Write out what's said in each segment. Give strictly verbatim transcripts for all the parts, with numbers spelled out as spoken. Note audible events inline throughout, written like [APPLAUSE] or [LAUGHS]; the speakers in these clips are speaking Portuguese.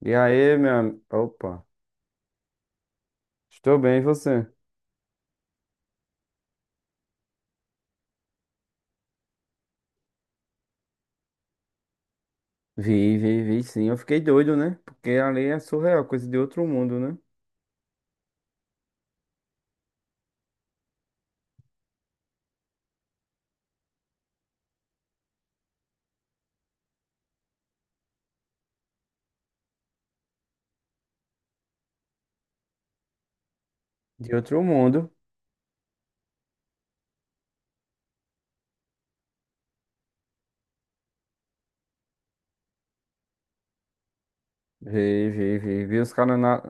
E aí, minha. Opa, estou bem, e você? Vi, vi, vi, sim. Eu fiquei doido, né? Porque ali é surreal, coisa de outro mundo, né? De outro mundo. Vi, vi, vi. Vi os caras na.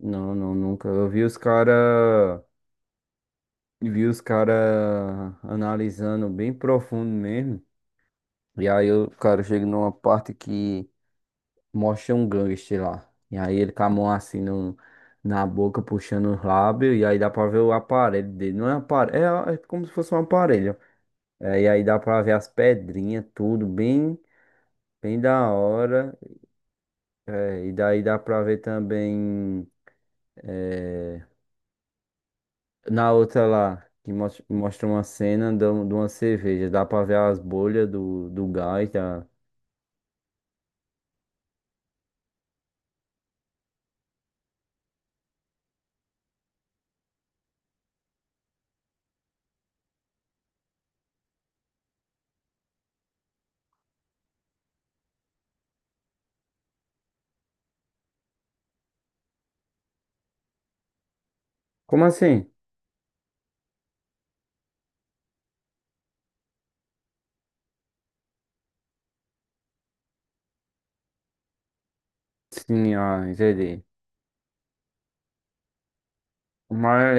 Não, não, nunca. Eu vi os caras. Vi os caras analisando bem profundo mesmo. E aí, o cara chega numa parte que mostra um gangster lá. E aí, ele com a mão assim no na boca, puxando os lábios. E aí, dá pra ver o aparelho dele. Não é aparelho, é é como se fosse um aparelho. É, e aí dá pra ver as pedrinhas, tudo bem, bem da hora. É, e daí dá pra ver também é, na outra lá, que mos- mostra uma cena de um- de uma cerveja. Dá pra ver as bolhas do, do gás. Da. Como assim? Sim, ah, entendi. Mas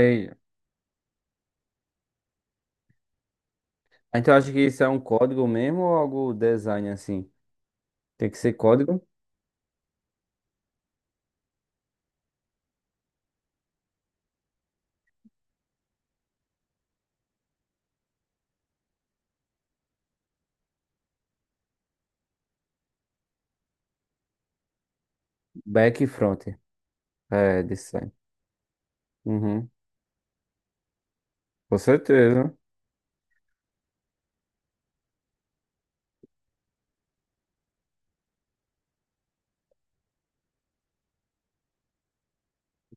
então acho que isso é um código mesmo ou algo design assim? Tem que ser código back e front. É, design. Uhum. Com certeza.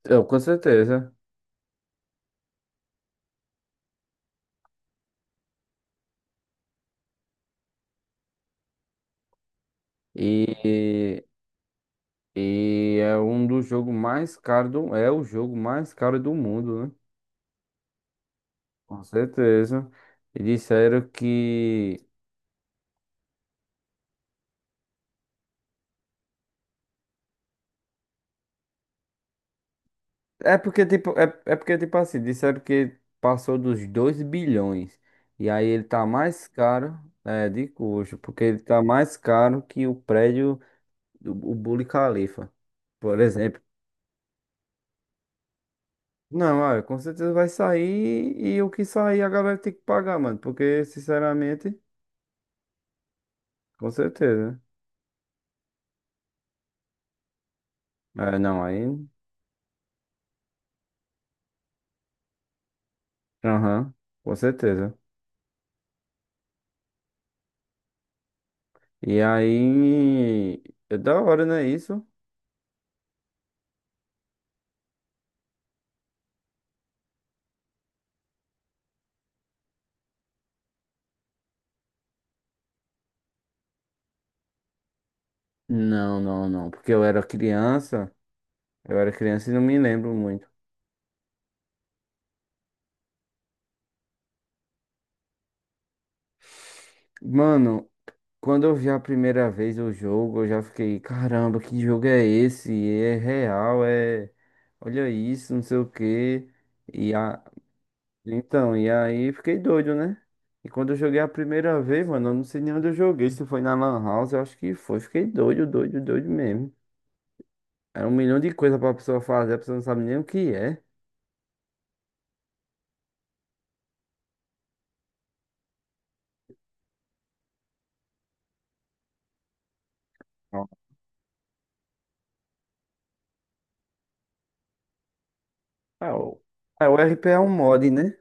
Eu, com certeza. E E é um dos jogos mais caros do, é o jogo mais caro do mundo, né? Com certeza. E disseram que é porque tipo é, é porque tipo assim, disseram que passou dos dois bilhões. E aí ele tá mais caro, é, de custo, porque ele tá mais caro que o prédio do o Burj Khalifa, por exemplo. Não, olha, com certeza vai sair e o que sair a galera tem que pagar, mano, porque sinceramente, com certeza. Né? É, não, aí aham, com certeza. E aí, é da hora, né, isso? Não, não, não, porque eu era criança, eu era criança e não me lembro muito. Mano, quando eu vi a primeira vez o jogo, eu já fiquei, caramba, que jogo é esse? É real, é. Olha isso, não sei o quê. E a. Então, e aí fiquei doido, né? E quando eu joguei a primeira vez, mano, eu não sei nem onde eu joguei, se foi na Lan House, eu acho que foi. Fiquei doido, doido, doido mesmo. É um milhão de coisas pra pessoa fazer, a pessoa não sabe nem o que é. Não. Ah, o, é, o R P é um mod, né?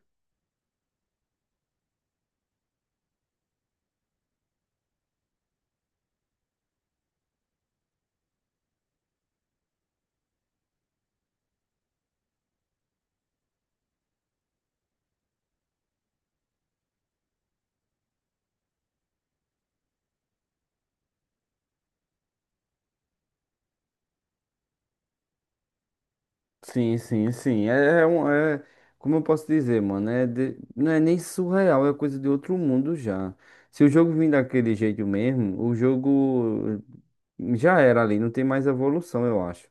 Sim, sim, sim. É, é um. É, como eu posso dizer, mano? É de- não é nem surreal, é coisa de outro mundo já. Se o jogo vir daquele jeito mesmo, o jogo já era ali, não tem mais evolução, eu acho.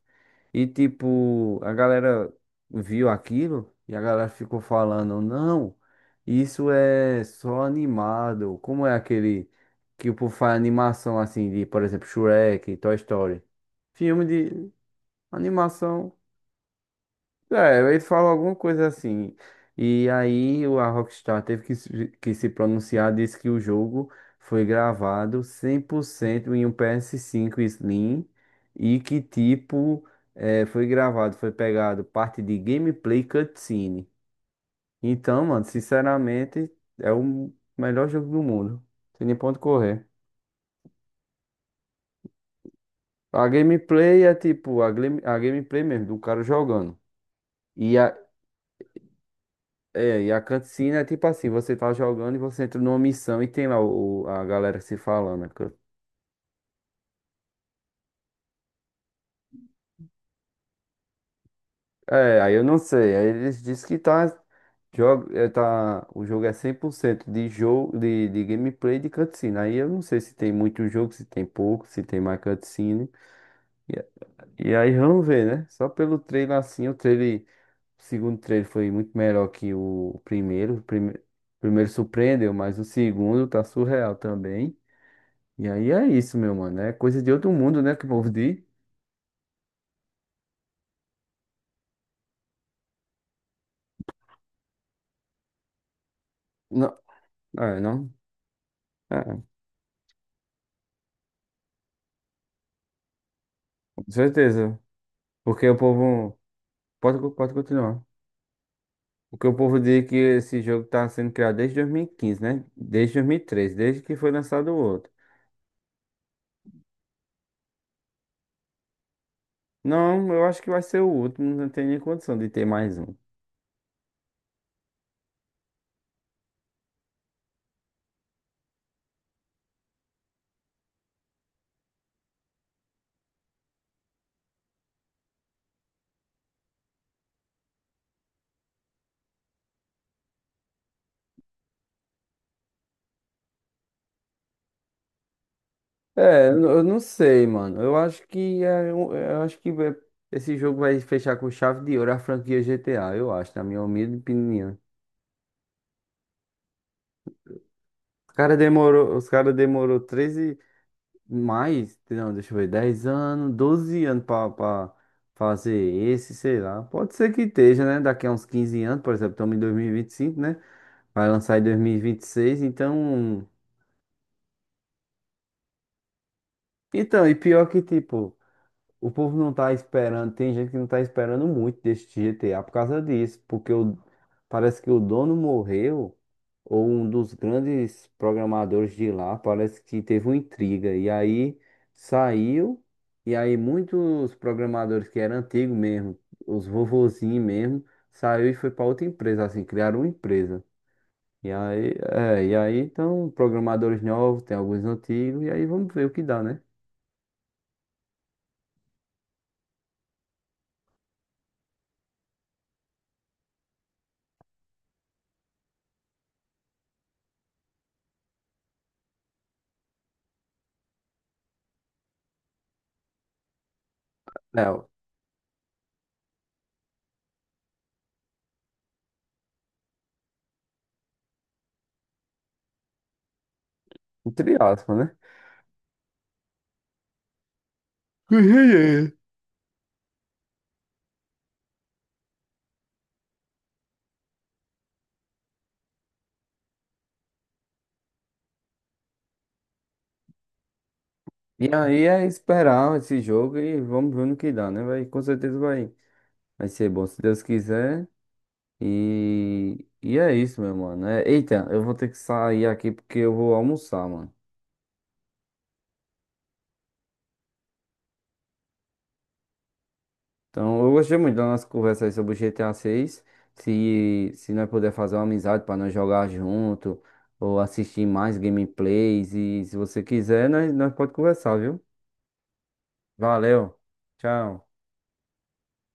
E tipo, a galera viu aquilo e a galera ficou falando, não, isso é só animado. Como é aquele que o povo faz animação assim de, por exemplo, Shrek, Toy Story. Filme de animação. É, ele falou alguma coisa assim. E aí o- a Rockstar teve que, se- que se pronunciar, disse que o jogo foi gravado cem por cento em um P S cinco Slim e que tipo eh, foi gravado, foi pegado parte de gameplay cutscene. Então, mano, sinceramente, é o melhor jogo do mundo. Tem nem ponto correr. A gameplay é tipo a, game- a gameplay mesmo, do cara jogando. E, é, e a cutscene é tipo assim, você tá jogando e você entra numa missão e tem lá o, a galera se falando. cu- É, aí eu não sei, aí eles dizem que tá, jogo, é, tá, o jogo é cem por cento de jogo, de, de gameplay de cutscene. Aí eu não sei se tem muito jogo, se tem pouco, se tem mais cutscene. E, e aí vamos ver, né? Só pelo trailer assim, o trailer, o segundo trailer foi muito melhor que o primeiro. O prime, o primeiro surpreendeu, mas o segundo tá surreal também. E aí é isso, meu mano. É coisa de outro mundo, né? Que o povo diz. Não, é, não. É, com certeza. Porque o povo. Pode, co- pode continuar. Porque o povo diz é que esse jogo tá sendo criado desde dois mil e quinze, né? Desde dois mil e treze, desde que foi lançado o outro. Não, eu acho que vai ser o último. Não tem nem condição de ter mais um. É, eu eu não sei, mano. Eu acho que é, um- eu acho que é- Esse jogo vai fechar com chave de ouro a franquia G T A, eu acho, na minha humilde opinião. Os cara demorou, os cara demorou treze mais, não, deixa eu ver, dez anos, doze anos pra, pra fazer esse, sei lá. Pode ser que esteja, né? Daqui a uns quinze anos, por exemplo, estamos em dois mil e e vinte e cinco né? Vai lançar em dois mil e e vinte e seis então. Então, e pior que, tipo. O povo não tá esperando, tem gente que não tá esperando muito desse G T A por causa disso, porque o, parece que o dono morreu, ou um dos grandes programadores de lá, parece que teve uma intriga, e aí saiu, e aí muitos programadores que eram antigos mesmo, os vovozinhos mesmo, saiu e foi para outra empresa, assim, criaram uma empresa. E aí, é, e aí então, programadores novos, tem alguns antigos, e aí vamos ver o que dá, né? É, entre aspas, né? [LAUGHS] E aí é esperar esse jogo e vamos ver no que dá, né? Vai, com certeza vai, vai ser bom, se Deus quiser. E, e é isso, meu mano. É, eita, eu vou ter que sair aqui porque eu vou almoçar, mano. Então, eu gostei muito da nossa conversa aí sobre o G T A seis. Se, se nós puder fazer uma amizade para nós jogar junto ou assistir mais gameplays. E se você quiser, nós, nós pode conversar, viu? Valeu, tchau.